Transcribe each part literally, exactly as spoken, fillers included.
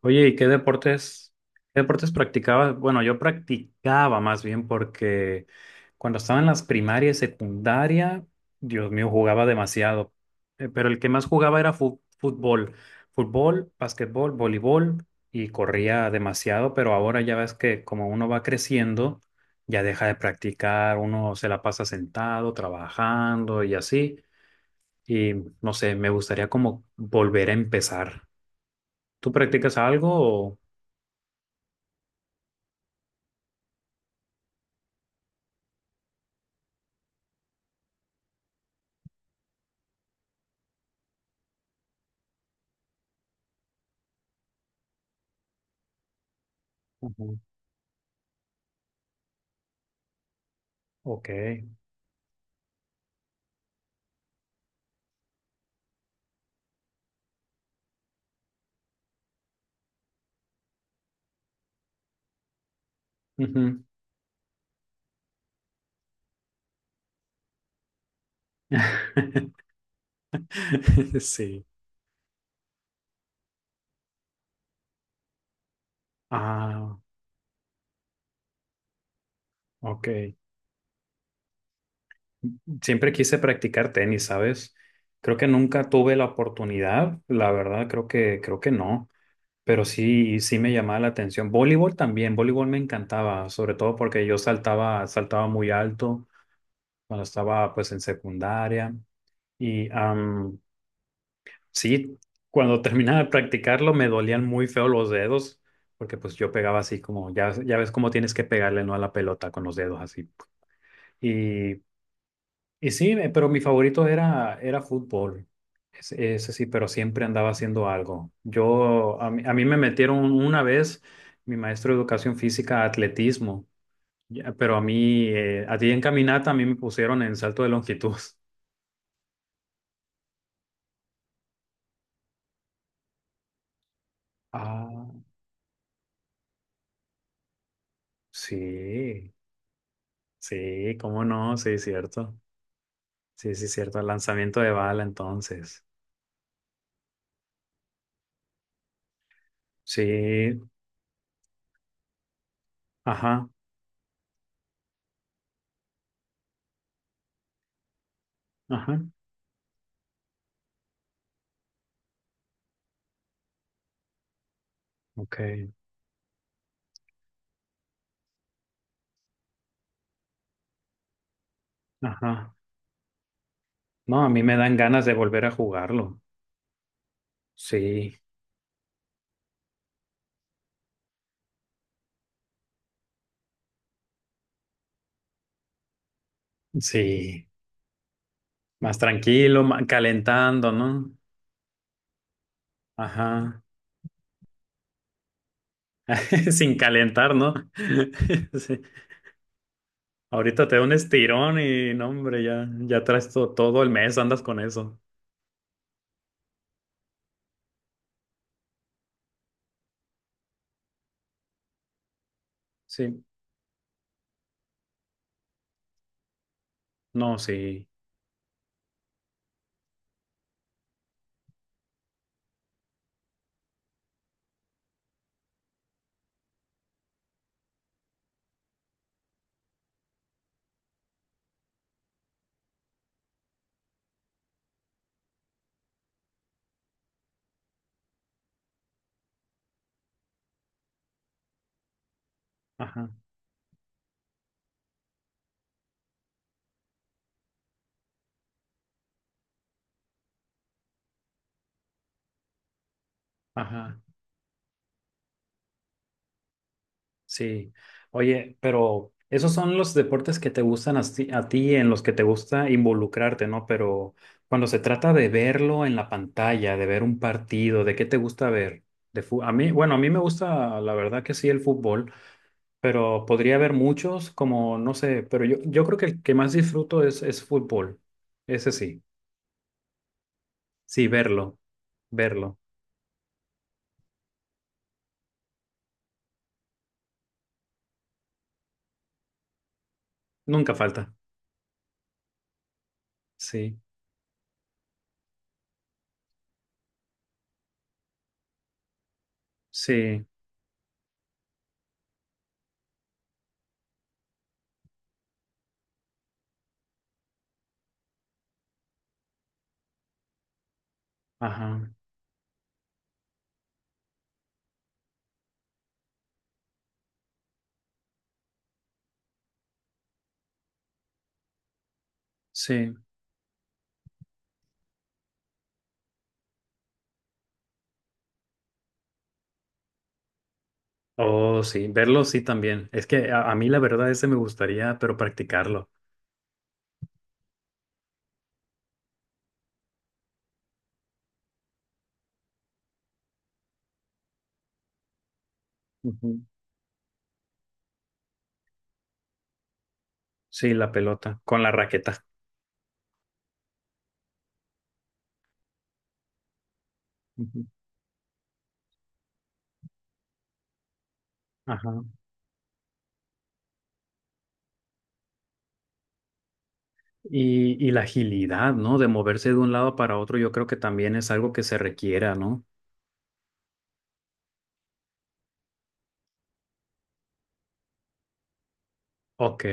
Oye, ¿y qué deportes, qué deportes practicabas? Bueno, yo practicaba más bien porque cuando estaba en las primarias y secundaria, Dios mío, jugaba demasiado. Eh, Pero el que más jugaba era fu- fútbol. Fútbol, básquetbol, voleibol y corría demasiado, pero ahora ya ves que como uno va creciendo, ya deja de practicar, uno se la pasa sentado, trabajando y así. Y no sé, me gustaría como volver a empezar. ¿Tú practicas algo o...? Ujú. Ok. Ujú. Sí. Ah, ok. Siempre quise practicar tenis, ¿sabes? Creo que nunca tuve la oportunidad, la verdad, creo que, creo que no. Pero sí, sí me llamaba la atención. Voleibol también, voleibol me encantaba, sobre todo porque yo saltaba, saltaba muy alto cuando estaba pues en secundaria. Y am, Sí, cuando terminaba de practicarlo me dolían muy feo los dedos, porque pues yo pegaba así como, ya, ya ves cómo tienes que pegarle, ¿no? A la pelota con los dedos así. Y, y sí, eh, pero mi favorito era, era fútbol, ese, ese sí, pero siempre andaba haciendo algo. Yo, a mí, a mí me metieron una vez, mi maestro de educación física, a atletismo, ya, pero a mí, eh, a ti en caminata, a mí me pusieron en salto de longitud. Ah, sí, sí, cómo no, sí, cierto. Sí, sí, cierto, el lanzamiento de bala entonces. Sí, ajá, ajá, ok, ajá. No, a mí me dan ganas de volver a jugarlo. Sí, sí, más tranquilo, ma- calentando, ¿no? Ajá, sin calentar, ¿no? Sí. Ahorita te da un estirón y no, hombre, ya, ya traes to- todo el mes, andas con eso. Sí, no, sí, ajá, ajá. Sí, oye, pero esos son los deportes que te gustan a ti, a ti, en los que te gusta involucrarte, ¿no? Pero cuando se trata de verlo en la pantalla, de ver un partido, ¿de qué te gusta ver? De fu- a mí, bueno, a mí me gusta, la verdad que sí, el fútbol, pero podría haber muchos, como, no sé, pero yo, yo creo que el que más disfruto es, es fútbol, ese sí, sí, verlo, verlo, nunca falta, sí, sí, ajá, sí. Oh, sí, verlo sí también. Es que a, a mí la verdad ese me gustaría, pero practicarlo. Ujú. Sí, la pelota, con la raqueta. Ujú. Ajá. Y, y la agilidad, ¿no? De moverse de un lado para otro, yo creo que también es algo que se requiera, ¿no? Ok,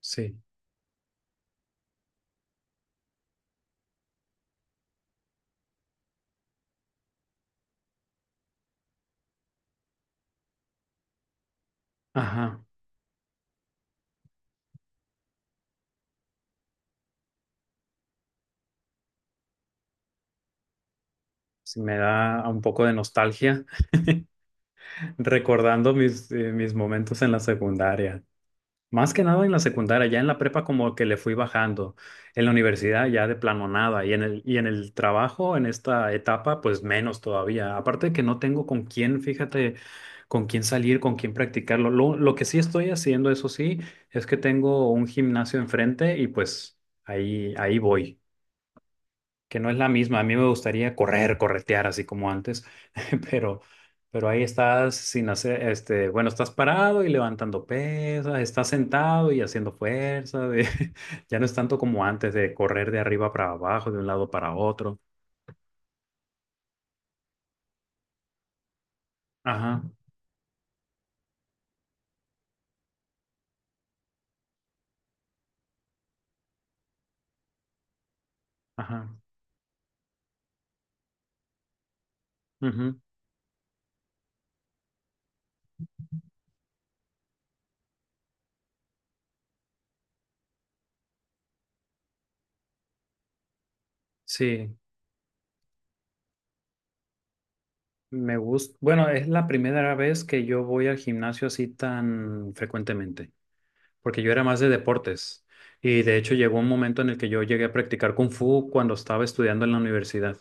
sí. Ajá. Sí, me da un poco de nostalgia recordando mis, eh, mis momentos en la secundaria. Más que nada en la secundaria, ya en la prepa como que le fui bajando, en la universidad ya de plano nada y en el, y en el trabajo en esta etapa pues menos todavía. Aparte de que no tengo con quién, fíjate, con quién salir, con quién practicarlo. Lo, lo que sí estoy haciendo, eso sí, es que tengo un gimnasio enfrente y pues ahí, ahí voy que no es la misma. A mí me gustaría correr, corretear así como antes, pero, pero ahí estás sin hacer, este, bueno, estás parado y levantando pesas, estás sentado y haciendo fuerza. De- ya no es tanto como antes de correr de arriba para abajo, de un lado para otro. Ajá, ajá. Ujú. Sí, me gusta. Bueno, es la primera vez que yo voy al gimnasio así tan frecuentemente, porque yo era más de deportes. Y de hecho llegó un momento en el que yo llegué a practicar kung fu cuando estaba estudiando en la universidad.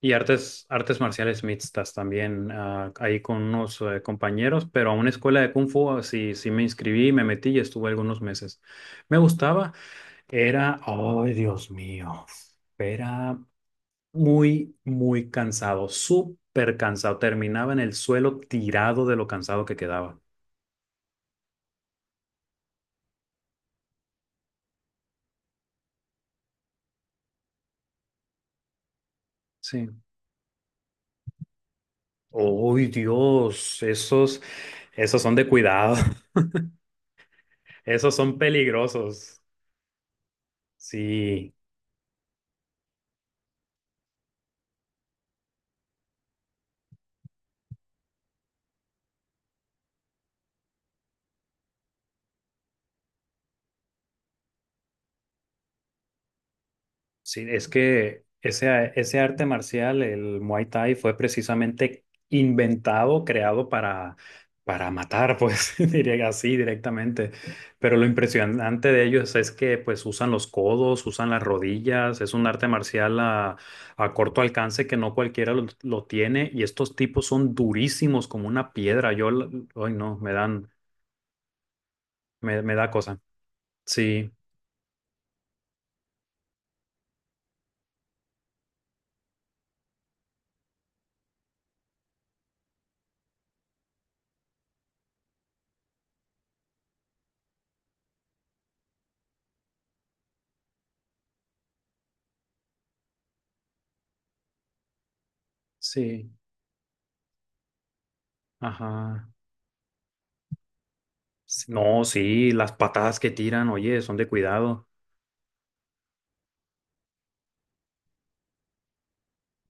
Y artes, artes marciales mixtas también, ah, ahí con unos eh, compañeros, pero a una escuela de kung fu, ah, sí, sí me inscribí, me metí y estuve algunos meses. Me gustaba, era, ay Dios mío, era muy, muy cansado, súper cansado, terminaba en el suelo tirado de lo cansado que quedaba. Sí. Uy, Dios, esos, esos son de cuidado, esos son peligrosos. Sí. Sí, es que ese, ese arte marcial, el Muay Thai, fue precisamente inventado, creado para, para matar, pues diría así directamente. Pero lo impresionante de ellos es que pues usan los codos, usan las rodillas, es un arte marcial a, a corto alcance que no cualquiera lo, lo tiene y estos tipos son durísimos como una piedra. Yo, l- ay no, me dan, me, me da cosa. Sí, sí, ajá. No, sí, las patadas que tiran, oye, son de cuidado.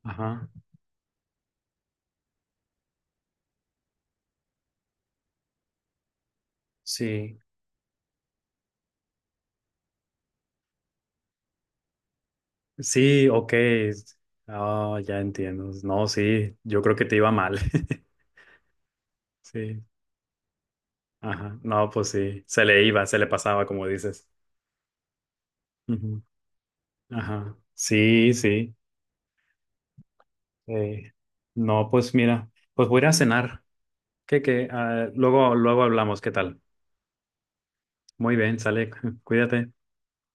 Ajá, sí, sí, ok. Ah, ya entiendo. No, sí, yo creo que te iba mal. Sí, ajá, no, pues sí, se le iba, se le pasaba, como dices. Ujú. Ajá, sí, sí. eh, No, pues mira, pues voy a ir a cenar. ¿Qué, qué? Ah, luego, luego hablamos, ¿qué tal? Muy bien, sale, cuídate.